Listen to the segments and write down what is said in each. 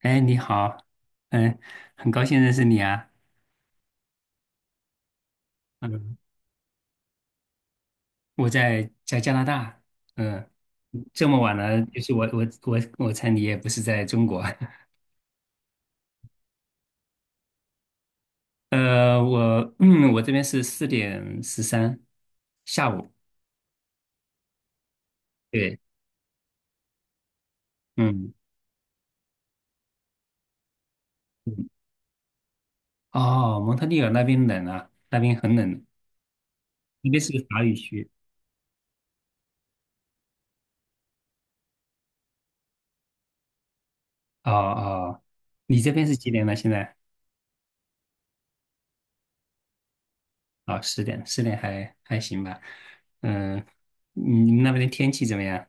哎，你好。嗯。很高兴认识你啊。嗯。我在加拿大。嗯。这么晚了，就是我猜你也不是在中国。我这边是4:13，下午。对。嗯嗯。哦，蒙特利尔那边冷啊，那边很冷，那边是个法语区。哦哦。你这边是几点了？现在？哦，十点，十点还行吧。嗯。你们那边的天气怎么样？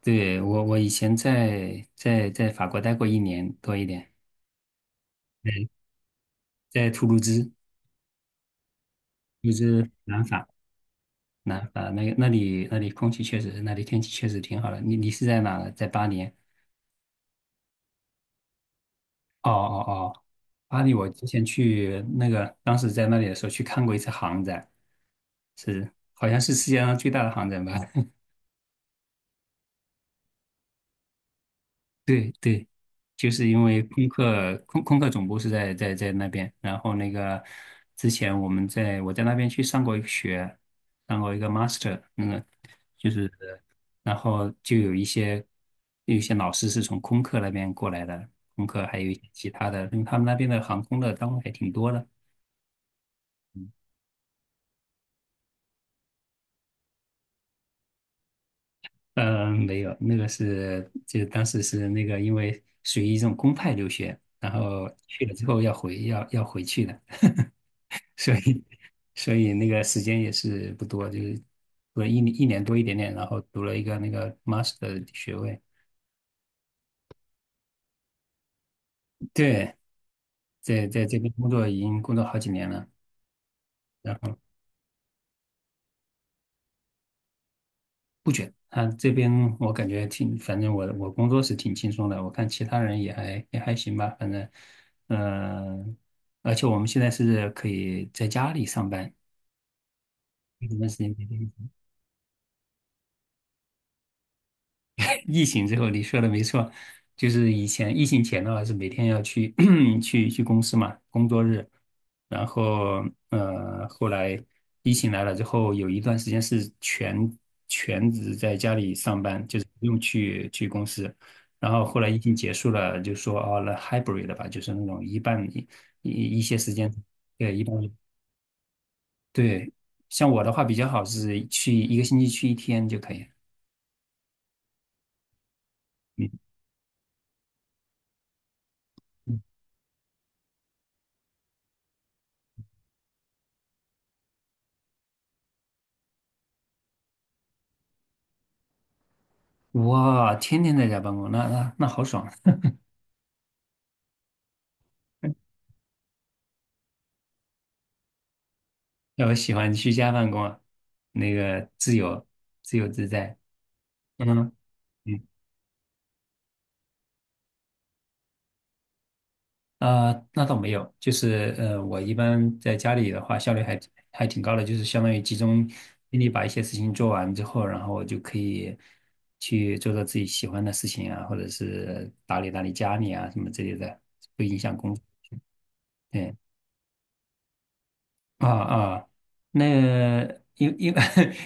对，我以前在法国待过一年多一点。对，在图卢兹南法，南法那个那里空气确实，那里天气确实挺好的。你是在哪呢，在巴黎？哦哦哦，巴黎我之前去那个，当时在那里的时候去看过一次航展，是好像是世界上最大的航展吧？对对。就是因为空客总部是在那边，然后那个之前我在那边去上过一个学，上过一个 master。嗯。就是然后就有一些老师是从空客那边过来的，空客还有一些其他的，因为他们那边的航空的单位还挺多的。嗯，没有，那个是就当时是那个因为属于一种公派留学，然后去了之后要回去的。所以所以那个时间也是不多，就是读了一年多一点点，然后读了一个那个 master 的学位。对，在这边已经工作好几年了。然后不卷。他这边我感觉挺，反正我工作是挺轻松的，我看其他人也还行吧，反正，嗯，而且我们现在是可以在家里上班。没什么时间。疫情之后，你说的没错，就是以前疫情前的话是每天要去 去公司嘛，工作日，然后后来疫情来了之后，有一段时间是全职在家里上班，就是不用去公司。然后后来疫情结束了，就说哦，那 hybrid 的吧，就是那种一半一一些时间，对，一半，对。像我的话比较好是去一个星期去一天就可以。嗯。嗯。哇，天天在家办公，那好爽！那我喜欢居家办公啊，那个自由、自由自在。嗯。嗯。啊，那倒没有，就是我一般在家里的话，效率还挺高的，就是相当于集中精力把一些事情做完之后，然后我就可以去做做自己喜欢的事情啊，或者是打理打理家里啊什么之类的，不影响工作。对。啊啊，那因因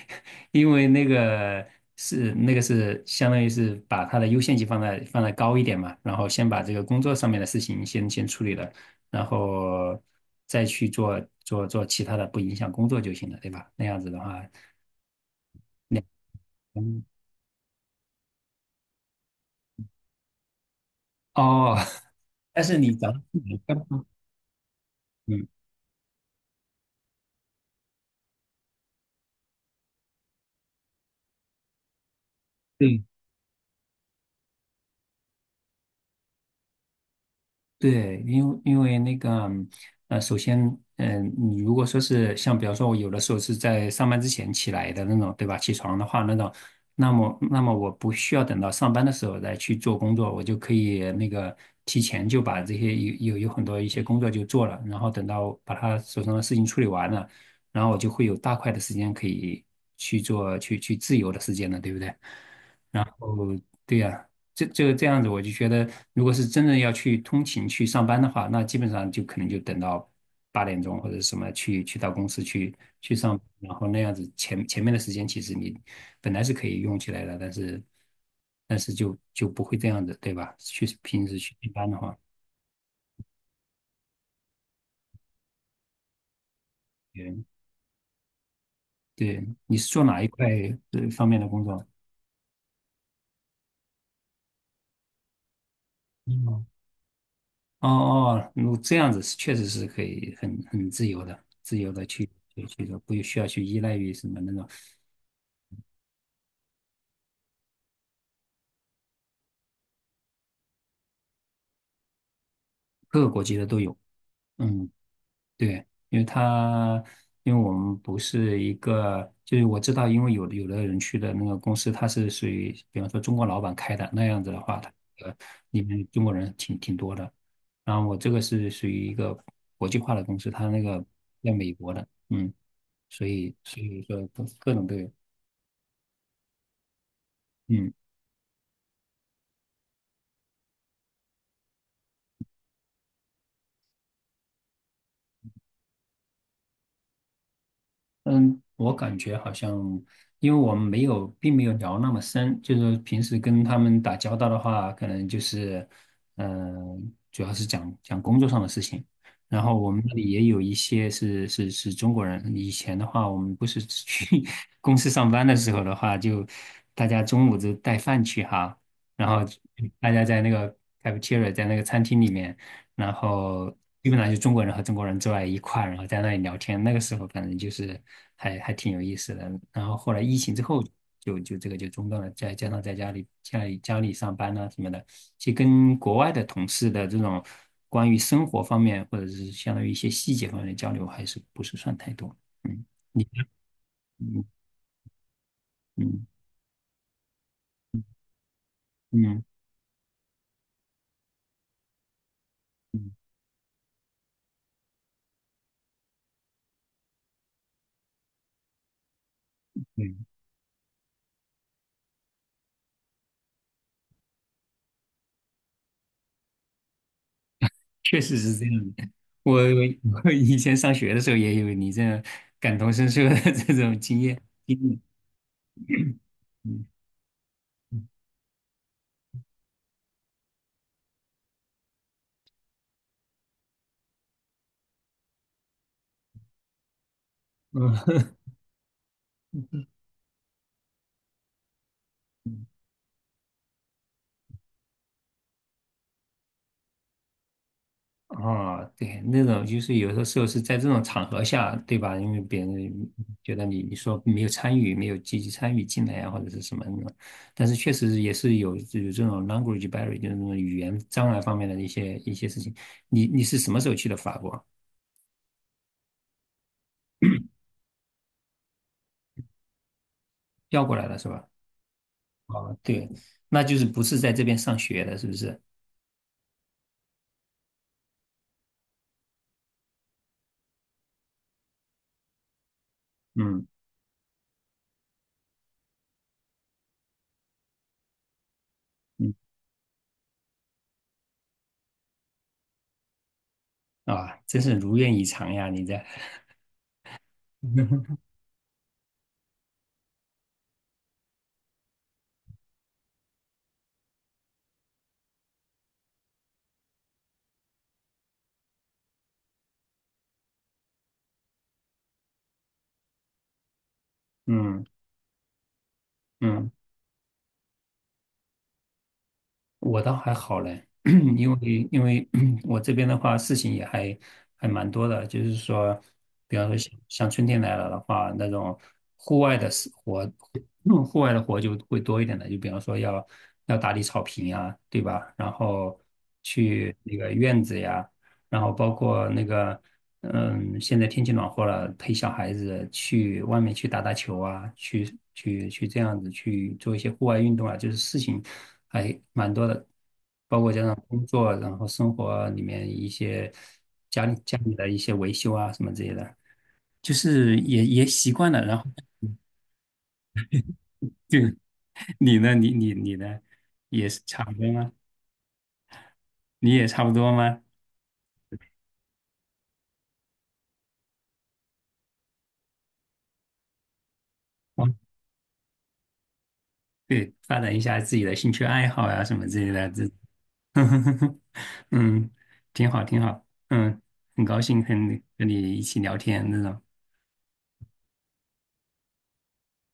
因为那个是那个是相当于是把他的优先级放在高一点嘛，然后先把这个工作上面的事情先处理了，然后再去做做其他的，不影响工作就行了，对吧？那样子的话，两哦。但是你咱们起来干。嗯。对，因为那个，首先，嗯，你如果说是像比方说，我有的时候是在上班之前起来的那种，对吧？起床的话，那种，那么我不需要等到上班的时候再去做工作，我就可以那个提前就把这些有有有很多一些工作就做了，然后等到把他手上的事情处理完了，然后我就会有大块的时间可以去做去去自由的时间了，对不对？然后对呀。这样子，我就觉得，如果是真的要去通勤去上班的话，那基本上就可能就等到8点钟或者什么去到公司去上班，然后那样子前面的时间其实你本来是可以用起来的，但是就不会这样子，对吧？平时去上班的话，嗯，对。你是做哪一块方面的工作？哦哦哦，如果这样子是确实是可以很自由的，自由的去去做，不需要去依赖于什么那种，各个国籍的都有。嗯，对，因为我们不是一个，就是我知道，因为有的人去的那个公司，它是属于，比方说中国老板开的那样子的话，它呃里面中国人挺多的。然后我这个是属于一个国际化的公司，它那个在美国的。嗯。所以说各种都有。嗯。嗯，我感觉好像，因为我们没有，并没有聊那么深，就是平时跟他们打交道的话，可能就是，嗯，主要是讲讲工作上的事情。然后我们那里也有一些是中国人。以前的话，我们不是去 公司上班的时候的话，就大家中午就带饭去哈，然后大家在那个 cafeteria,在那个餐厅里面。然后基本上就中国人和中国人坐在一块儿然后在那里聊天。那个时候反正就是还还挺有意思的。然后后来疫情之后就就这个就中断了，再加上在家里上班啊什么的，其实跟国外的同事的这种关于生活方面或者是相当于一些细节方面的交流还是不是算太多。嗯。你嗯嗯嗯嗯，对，确实是这样的。我我以前上学的时候也有你这样感同身受的这种经验。嗯。嗯。啊，对，那种就是有的时候是在这种场合下，对吧？因为别人觉得你你说没有参与，没有积极参与进来啊，或者是什么那种，但是确实也是有这种 language barrier,就是那种语言障碍方面的一些事情。你是什么时候去的法国？调过来的是吧？啊，对，那就是不是在这边上学的，是不是？嗯。嗯。啊，真是如愿以偿呀，你在。嗯。嗯。我倒还好嘞，因为 我这边的话，事情也还还蛮多的，就是说，比方说像春天来了的话，那种户外的事活，嗯户外的活就会多一点的，就比方说要要打理草坪呀，对吧？然后去那个院子呀，然后包括那个，嗯，现在天气暖和了，陪小孩子去外面去打打球啊，去这样子去做一些户外运动啊，就是事情还蛮多的，包括加上工作，然后生活里面一些家里的一些维修啊什么之类的，就是也也习惯了。然后就。 你呢也是差不多吗？你也差不多吗？嗯，对，发展一下自己的兴趣爱好呀、什么之类的，这。嗯。挺好，挺好。嗯，很高兴跟和你一起聊天那种。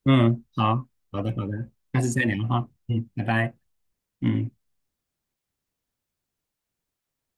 嗯。好。好的，好的，下次再聊哈。嗯。拜拜。嗯。